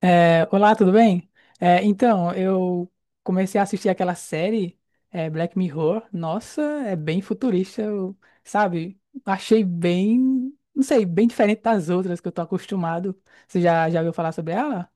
É, olá, tudo bem? É, então, eu comecei a assistir aquela série, é, Black Mirror. Nossa, é bem futurista, sabe? Achei bem, não sei, bem diferente das outras que eu tô acostumado. Você já ouviu falar sobre ela?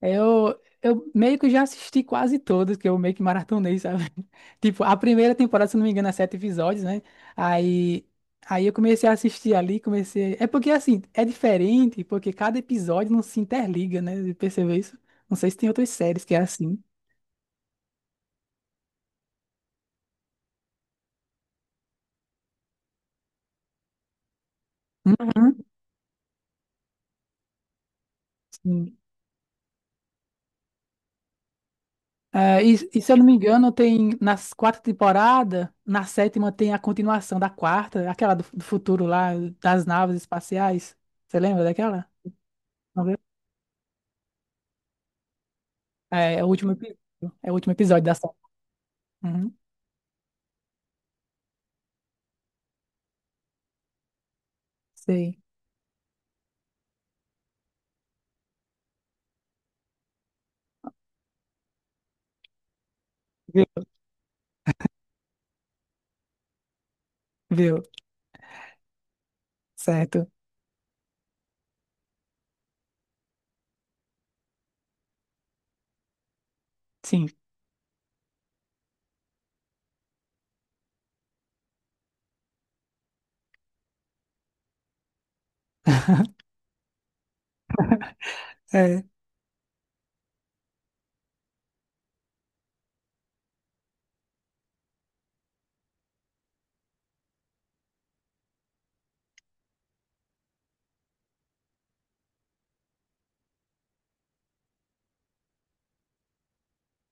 Eu meio que já assisti quase todas, que eu meio que maratonei, sabe? Tipo, a primeira temporada, se não me engano, é sete episódios, né? Aí, aí eu comecei a assistir ali, comecei. É porque assim, é diferente, porque cada episódio não se interliga, né? Você percebeu isso? Não sei se tem outras séries que é assim. Uhum, sim. É, e se eu não me engano, tem nas quatro temporadas, na sétima tem a continuação da quarta, aquela do futuro lá, das naves espaciais. Você lembra daquela? É o último episódio. É o último episódio da série. Uhum, sei. Viu? Viu? Certo. Sim. É,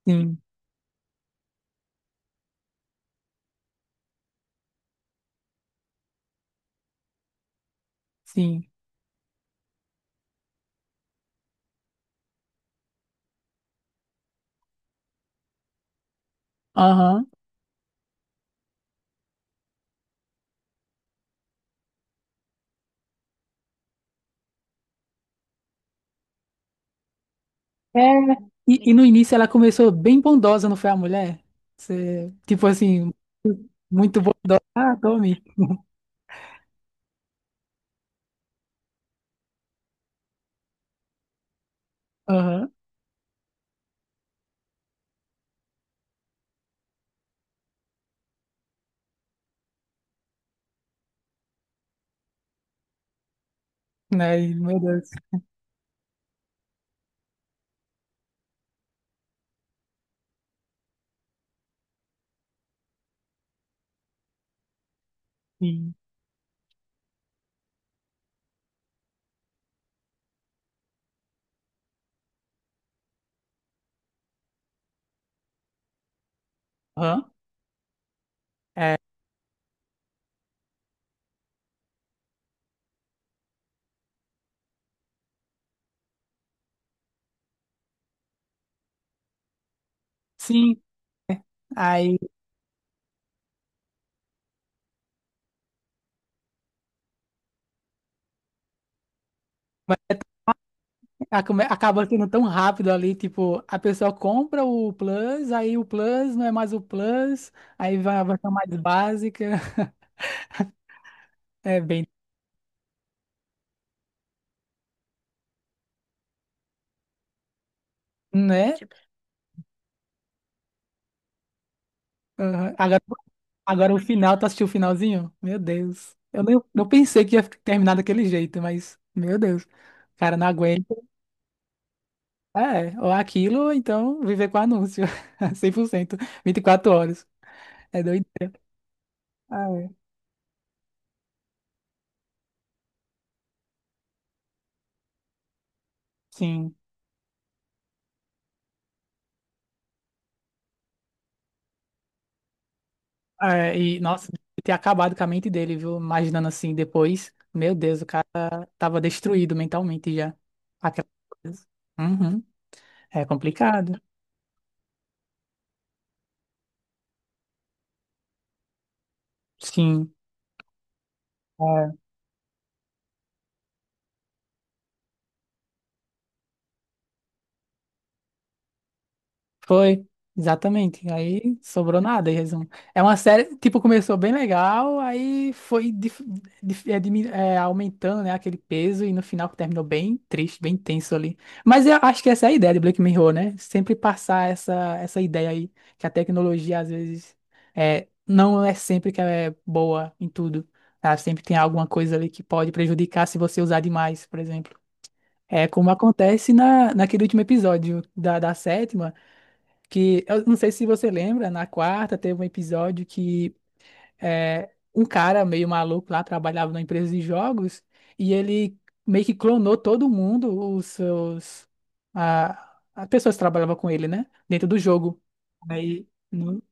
sim, sim. Aham. É. E no início ela começou bem bondosa, não foi a mulher? Você, tipo assim, muito bondosa. Ah, tome. Aham. Aí, meu Deus. Sim. Aham. É, sim. Aí, ah, acaba sendo tão rápido ali, tipo, a pessoa compra o Plus, aí o Plus não é mais o Plus, aí vai a versão mais básica. É bem, né? Tipo, aham. Agora o final, tu assistiu o finalzinho? Meu Deus. Eu nem, não pensei que ia terminar daquele jeito, mas, meu Deus. Cara, não aguento. É, ou aquilo, ou então viver com anúncio. 100% 24 horas. É doideira. Ah, é. Sim. É, e, nossa, deve ter acabado com a mente dele, viu? Imaginando assim depois. Meu Deus, o cara tava destruído mentalmente já. Aquela coisa. Uhum. É complicado. Sim. É. Foi, exatamente. Aí sobrou nada, em resumo. É uma série, tipo, começou bem legal, aí foi aumentando, né, aquele peso, e no final terminou bem triste, bem tenso ali. Mas eu acho que essa é a ideia de Black Mirror, né? Sempre passar essa ideia aí, que a tecnologia, às vezes, não é sempre que ela é boa em tudo. Ela sempre tem alguma coisa ali que pode prejudicar se você usar demais, por exemplo. É como acontece naquele último episódio da sétima, que eu não sei se você lembra, na quarta teve um episódio que um cara meio maluco lá trabalhava numa empresa de jogos e ele meio que clonou todo mundo, os seus as pessoas que trabalhavam com ele, né, dentro do jogo. Aí no-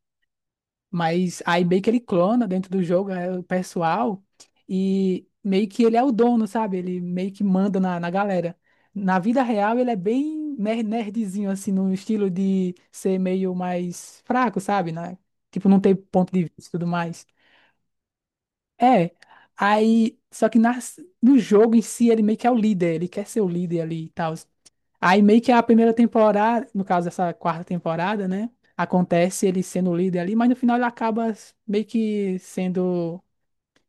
mas aí meio que ele clona dentro do jogo o pessoal e meio que ele é o dono, sabe? Ele meio que manda na galera. Na vida real, ele é bem nerdzinho, assim, no estilo de ser meio mais fraco, sabe? Né? Tipo, não ter ponto de vista e tudo mais. É, aí, só que no jogo em si, ele meio que é o líder, ele quer ser o líder ali e tal. Aí meio que a primeira temporada, no caso dessa quarta temporada, né? Acontece ele sendo o líder ali, mas no final ele acaba meio que sendo,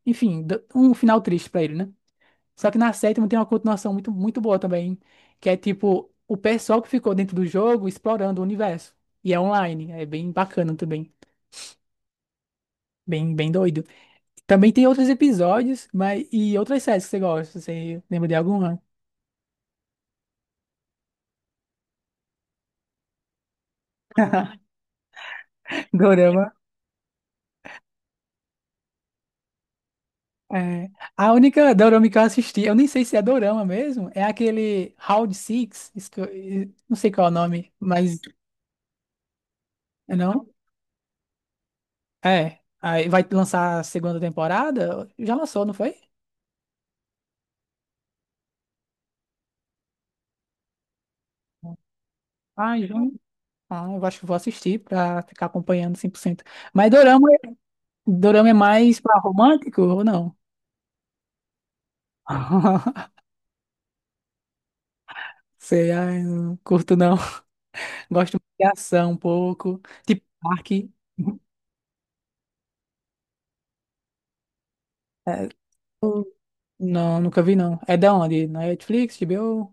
enfim, um final triste pra ele, né? Só que na sétima tem uma continuação muito, muito boa também, que é tipo o pessoal que ficou dentro do jogo explorando o universo. E é online, é bem bacana também, bem, bem doido. Também tem outros episódios, mas e outras séries que você gosta, você lembra de alguma? Dorama. É. A única dorama que eu assisti, eu nem sei se é dorama mesmo, é aquele Round Six, isso que não sei qual é o nome, mas é não? É. Aí vai lançar a segunda temporada? Já lançou, não foi? Ah, em Ah, eu acho que vou assistir pra ficar acompanhando 100%. Mas dorama, dorama é mais pra romântico ou não? Sei, ai, não curto não. Gosto de ação um pouco, tipo Park. É, não, nunca vi não. É da onde? Na Netflix, HBO?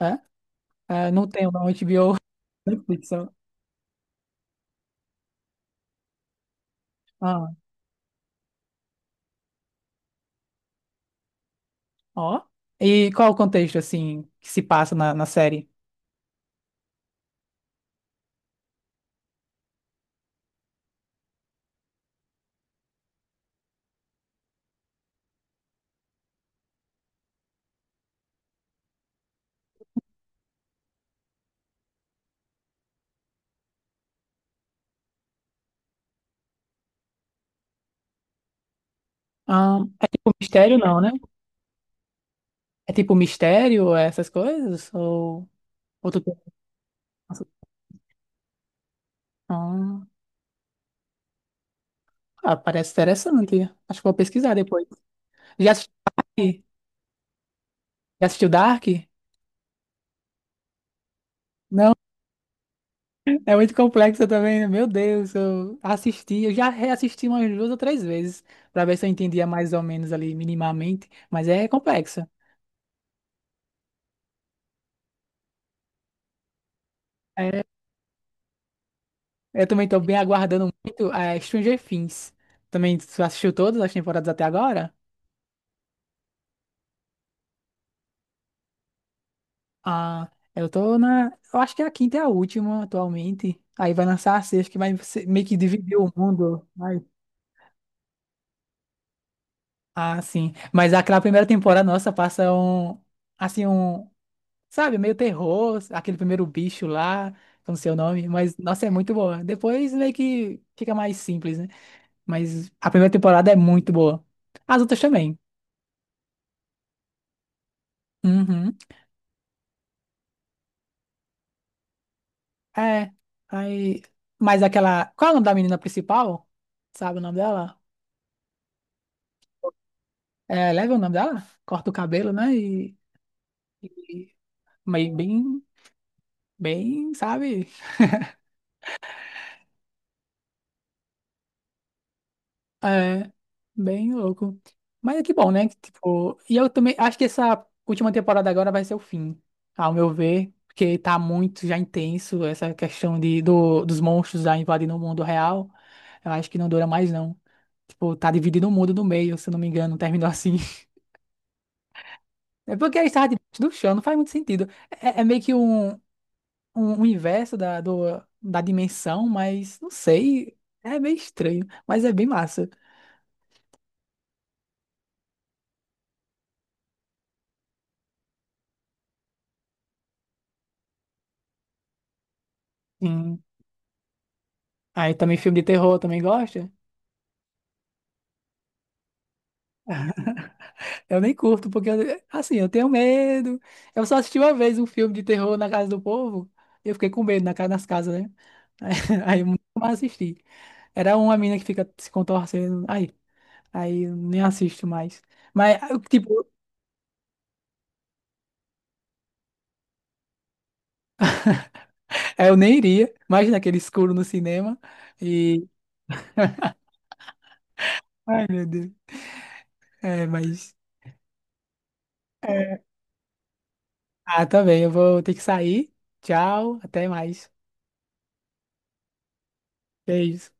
É? É, não tenho não, HBO. Netflix, ó. Ah, ó. E qual o contexto, assim, que se passa na série? Ah, o mistério não, né? É tipo mistério, é essas coisas? Ou outro tipo? Ah, ah, parece interessante. Acho que vou pesquisar depois. Já assistiu Dark? Já assistiu Dark? Né? É muito complexa também, né? Meu Deus, eu assisti, eu já reassisti umas duas ou três vezes para ver se eu entendia mais ou menos ali minimamente, mas é complexa. É, eu também tô bem aguardando muito a Stranger Things. Também tu assistiu todas as temporadas até agora? Ah, eu acho que a quinta é a última atualmente. Aí vai lançar a sexta que vai meio que dividir o mundo. Vai. Ah, sim. Mas aquela primeira temporada, nossa, passa um, assim, um, sabe, meio terror, aquele primeiro bicho lá, que eu não sei o nome, mas nossa, é muito boa. Depois meio que fica mais simples, né? Mas a primeira temporada é muito boa. As outras também. Uhum. É. Aí, mas aquela. Qual é o nome da menina principal? Sabe o nome dela? É, leva o nome dela? Corta o cabelo, né? E meio bem, bem, sabe? É, bem louco. Mas é que bom, né? Que, tipo, e eu também acho que essa última temporada agora vai ser o fim, ao meu ver, porque tá muito já intenso essa questão dos monstros já invadindo o mundo real. Eu acho que não dura mais, não. Tipo, tá dividindo o mundo no meio, se eu não me engano, terminou assim. É porque eles estavam debaixo do chão, não faz muito sentido. É meio que um universo da dimensão, mas não sei. É meio estranho, mas é bem massa. Sim. Aí também filme de terror também gosta? Eu nem curto, porque assim, eu tenho medo. Eu só assisti uma vez um filme de terror na casa do povo e eu fiquei com medo casa nas casas, né? Aí, aí eu nunca mais assisti. Era uma mina que fica se contorcendo. Aí eu nem assisto mais. Mas, ah, eu, tipo, eu nem iria. Imagina aquele escuro no cinema. E. Ai, meu Deus. É, mas. Ah, também. Eu vou ter que sair. Tchau. Até mais. Beijo.